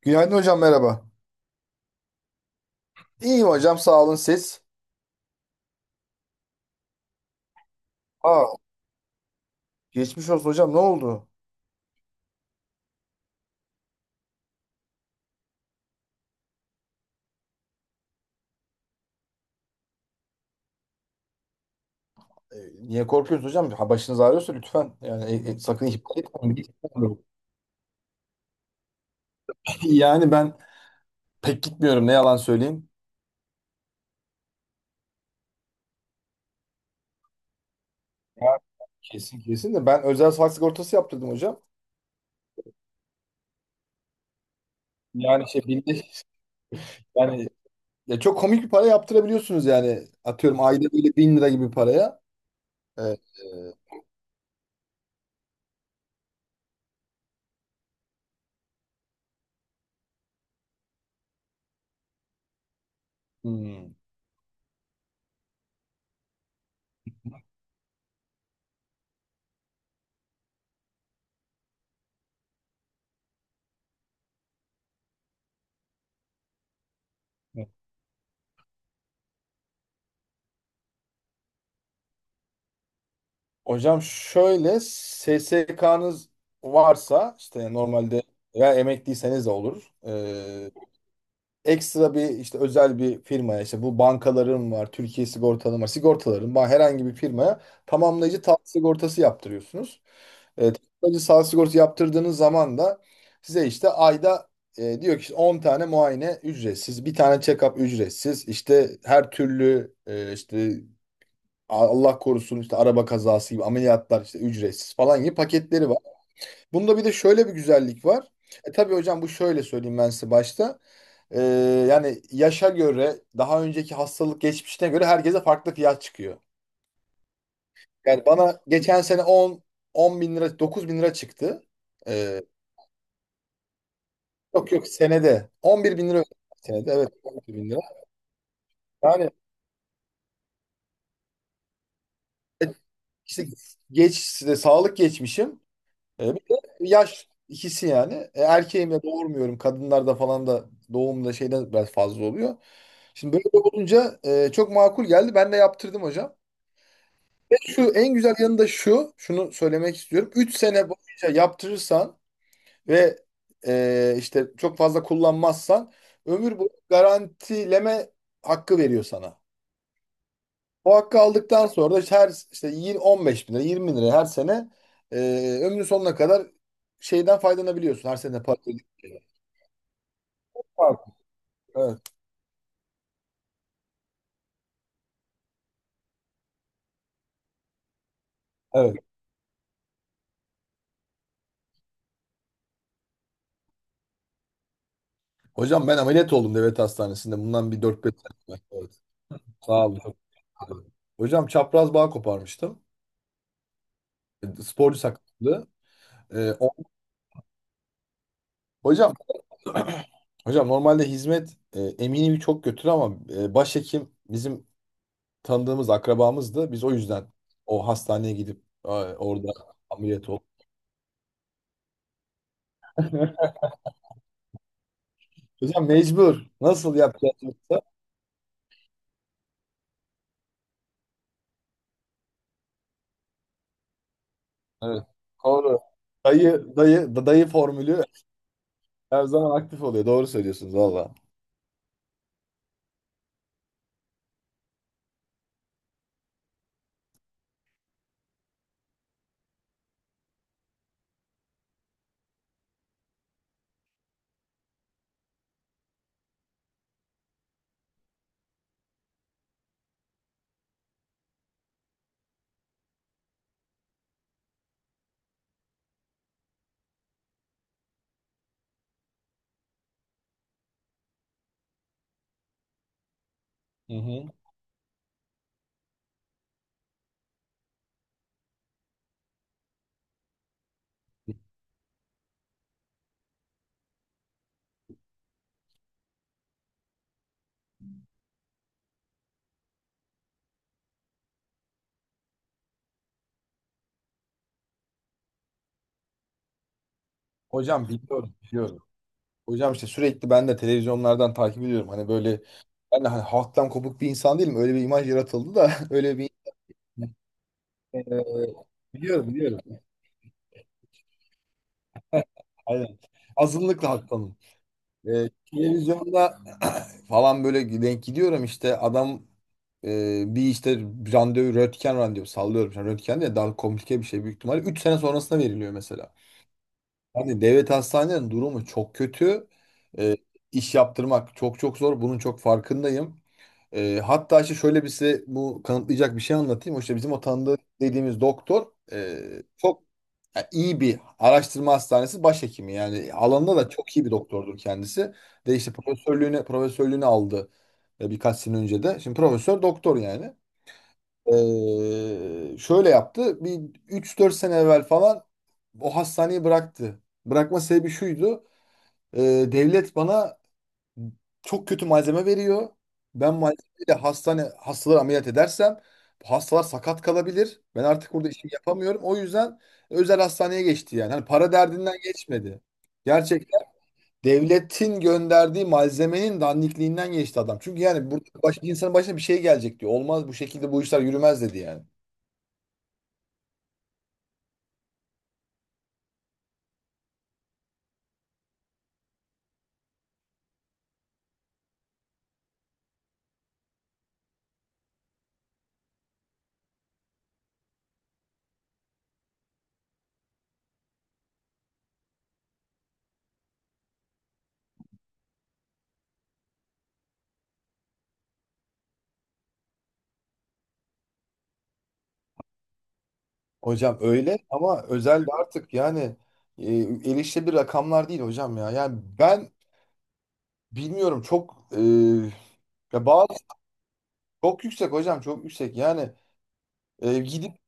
Günaydın hocam merhaba. İyiyim hocam sağ olun siz. Aa, geçmiş olsun hocam ne oldu? E, niye korkuyorsunuz hocam? Ha, başınız ağrıyorsa lütfen yani sakın ihmal etmeyin. Yani ben pek gitmiyorum ne yalan söyleyeyim. Ya, kesin kesin de ben özel sağlık sigortası yaptırdım hocam. Yani şey binde yani ya çok komik bir para yaptırabiliyorsunuz yani. Atıyorum ayda böyle bin lira gibi paraya. Evet, hmm. Hocam şöyle SSK'nız varsa işte normalde veya emekliyseniz de olur. Ekstra bir işte özel bir firmaya işte bu bankaların var, Türkiye sigortaların var, sigortaların var herhangi bir firmaya tamamlayıcı sağlık sigortası yaptırıyorsunuz. Tamamlayıcı sağlık sigortası yaptırdığınız zaman da size işte ayda diyor ki işte 10 tane muayene ücretsiz, bir tane check-up ücretsiz, işte her türlü işte Allah korusun işte araba kazası gibi ameliyatlar işte ücretsiz falan gibi paketleri var. Bunda bir de şöyle bir güzellik var. Tabii hocam bu şöyle söyleyeyim ben size başta. E, yani yaşa göre daha önceki hastalık geçmişine göre herkese farklı fiyat çıkıyor. Yani bana geçen sene 10, 10 bin lira 9 bin lira çıktı. E, yok yok senede 11 bin lira ödedim. Senede evet 11 bin lira. Yani e, işte geç işte sağlık geçmişim. Bir de yaş ikisi yani. Erkeğim doğurmuyorum. Kadınlarda falan da doğumda şeyden biraz fazla oluyor. Şimdi böyle olunca çok makul geldi. Ben de yaptırdım hocam. Ve şu en güzel yanı da şu. Şunu söylemek istiyorum. 3 sene boyunca yaptırırsan ve işte çok fazla kullanmazsan ömür boyu garantileme hakkı veriyor sana. O hakkı aldıktan sonra da işte her işte 20, 15 bin lira 20 bin lira her sene e, ömrün sonuna kadar şeyden faydalanabiliyorsun. Her sene para ödeyip- Evet, evet. Hocam ben ameliyat oldum devlet hastanesinde. Bundan bir dört beş sene evvel. Evet. Sağ olun. Hocam çapraz bağ koparmıştım. Sporcu sakatlığı. E, o- hocam hocam normalde hizmet eminimi çok götür ama başhekim bizim tanıdığımız akrabamızdı. Biz o yüzden o hastaneye gidip orada ameliyat olduk. Hocam mecbur. Nasıl yapacağız yoksa? Evet. Doğru. Dayı, dayı, dayı formülü her zaman aktif oluyor. Doğru söylüyorsunuz valla. Hı hı. Hocam biliyorum, biliyorum. Hocam işte sürekli ben de televizyonlardan takip ediyorum. Hani böyle ben de hani halktan kopuk bir insan değilim. Öyle bir imaj yaratıldı da öyle bir Ee, biliyorum biliyorum. Aynen. Azınlıkla halktanım. Televizyonda falan böyle denk gidiyorum işte adam e, bir işte randevu röntgen randevu sallıyorum. Yani röntgen de daha komplike bir şey büyük ihtimalle. 3 sene sonrasına veriliyor mesela. Hani devlet hastanelerinin durumu çok kötü. E, iş yaptırmak çok çok zor. Bunun çok farkındayım. Hatta işte şöyle bir size bu kanıtlayacak bir şey anlatayım. O İşte bizim o tanıdığı dediğimiz doktor e, çok ya, iyi bir araştırma hastanesi başhekimi. Yani alanında da çok iyi bir doktordur kendisi. De işte profesörlüğünü aldı birkaç sene önce de. Şimdi profesör doktor yani. Şöyle yaptı. Bir üç dört sene evvel falan o hastaneyi bıraktı. Bırakma sebebi şuydu. E, devlet bana çok kötü malzeme veriyor. Ben malzemeyle hastane hastaları ameliyat edersem bu hastalar sakat kalabilir. Ben artık burada işimi yapamıyorum. O yüzden özel hastaneye geçti yani. Hani para derdinden geçmedi. Gerçekten devletin gönderdiği malzemenin dandikliğinden geçti adam. Çünkü yani burada insanın başına bir şey gelecek diyor. Olmaz bu şekilde bu işler yürümez dedi yani. Hocam öyle ama özel de artık yani e, erişilebilir rakamlar değil hocam ya. Yani ben bilmiyorum çok ya bazı çok yüksek hocam çok yüksek. Yani gidip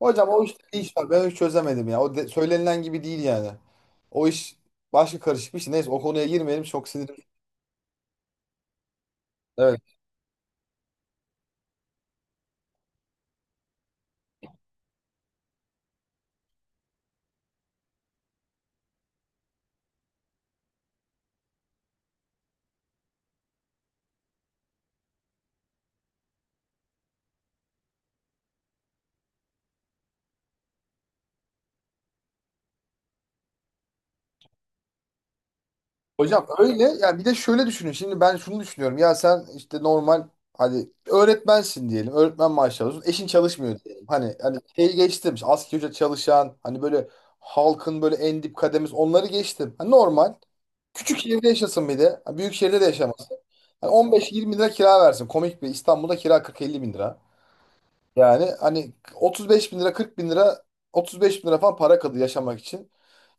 hocam o işte bir iş var. Ben hiç çözemedim ya. Söylenilen gibi değil yani. O iş başka karışık bir şey. Neyse o konuya girmeyelim. Çok sinirim. Evet. Hocam öyle ya bir de şöyle düşünün. Şimdi ben şunu düşünüyorum. Ya sen işte normal hadi öğretmensin diyelim. Öğretmen maaşı alıyorsun. Eşin çalışmıyor diyelim. Hani şeyi geçtim. İşte asgari ücret çalışan hani böyle halkın böyle en dip kademesi onları geçtim. Hani normal. Küçük şehirde yaşasın bir de. Büyük şehirde de yaşamasın. Hani 15-20 lira kira versin. Komik bir İstanbul'da kira 40-50 bin lira. Yani hani 35 bin lira 40 bin lira 35 bin lira falan para kalıyor yaşamak için.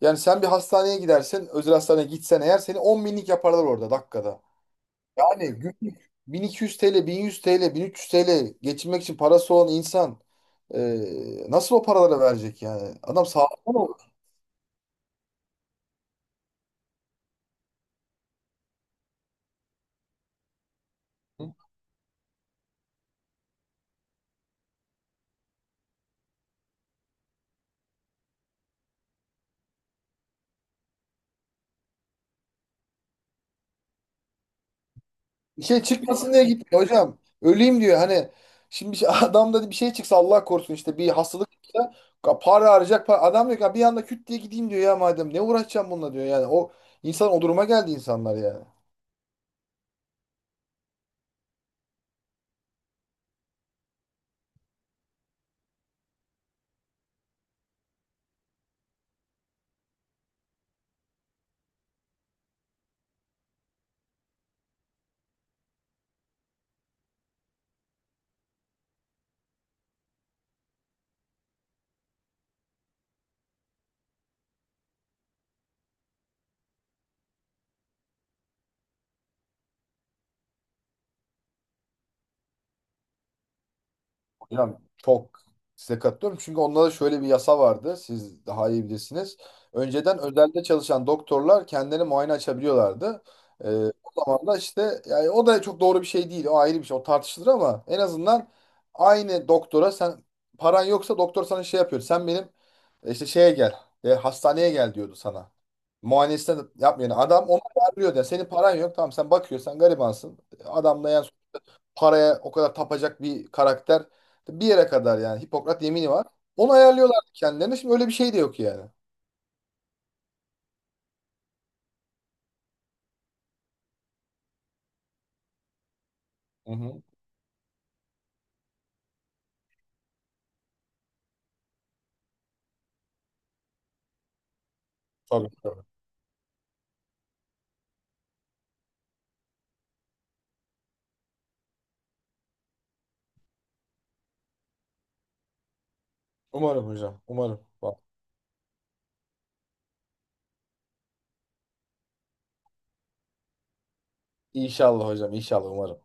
Yani sen bir hastaneye gidersen özel hastaneye gitsen eğer seni 10 binlik yaparlar orada dakikada. Yani günlük 1200 TL, 1100 TL, 1300 TL geçinmek için parası olan insan e, nasıl o paralara verecek yani? Adam sağlıklı mı olur? Bir şey çıkmasın diye gitmiyor hocam. Öleyim diyor. Hani şimdi bir şey, adamda bir şey çıksa Allah korusun işte bir hastalık çıksa para arayacak. Para. Adam diyor ki "Ha, bir anda küt diye gideyim diyor ya madem. Ne uğraşacağım bununla diyor yani. O insan o duruma geldi insanlar ya. Hocam çok size katılıyorum. Çünkü onlarda şöyle bir yasa vardı. Siz daha iyi bilirsiniz. Önceden özelde çalışan doktorlar kendileri muayene açabiliyorlardı. Ee, o zaman da işte yani o da çok doğru bir şey değil. O ayrı bir şey. O tartışılır ama en azından aynı doktora sen paran yoksa doktor sana şey yapıyor. Sen benim işte şeye gel. Hastaneye gel diyordu sana. Muayenesini yapmayan adam onu çağırıyordu. Yani senin paran yok. Tamam sen bakıyorsun. Sen garibansın. Adamla yani paraya o kadar tapacak bir karakter. Bir yere kadar yani. Hipokrat yemini var. Onu ayarlıyorlar kendilerine. Şimdi öyle bir şey de yok yani. Hı hı. Tabii tabii. Umarım hocam. Umarım. Bak, İnşallah hocam. İnşallah umarım.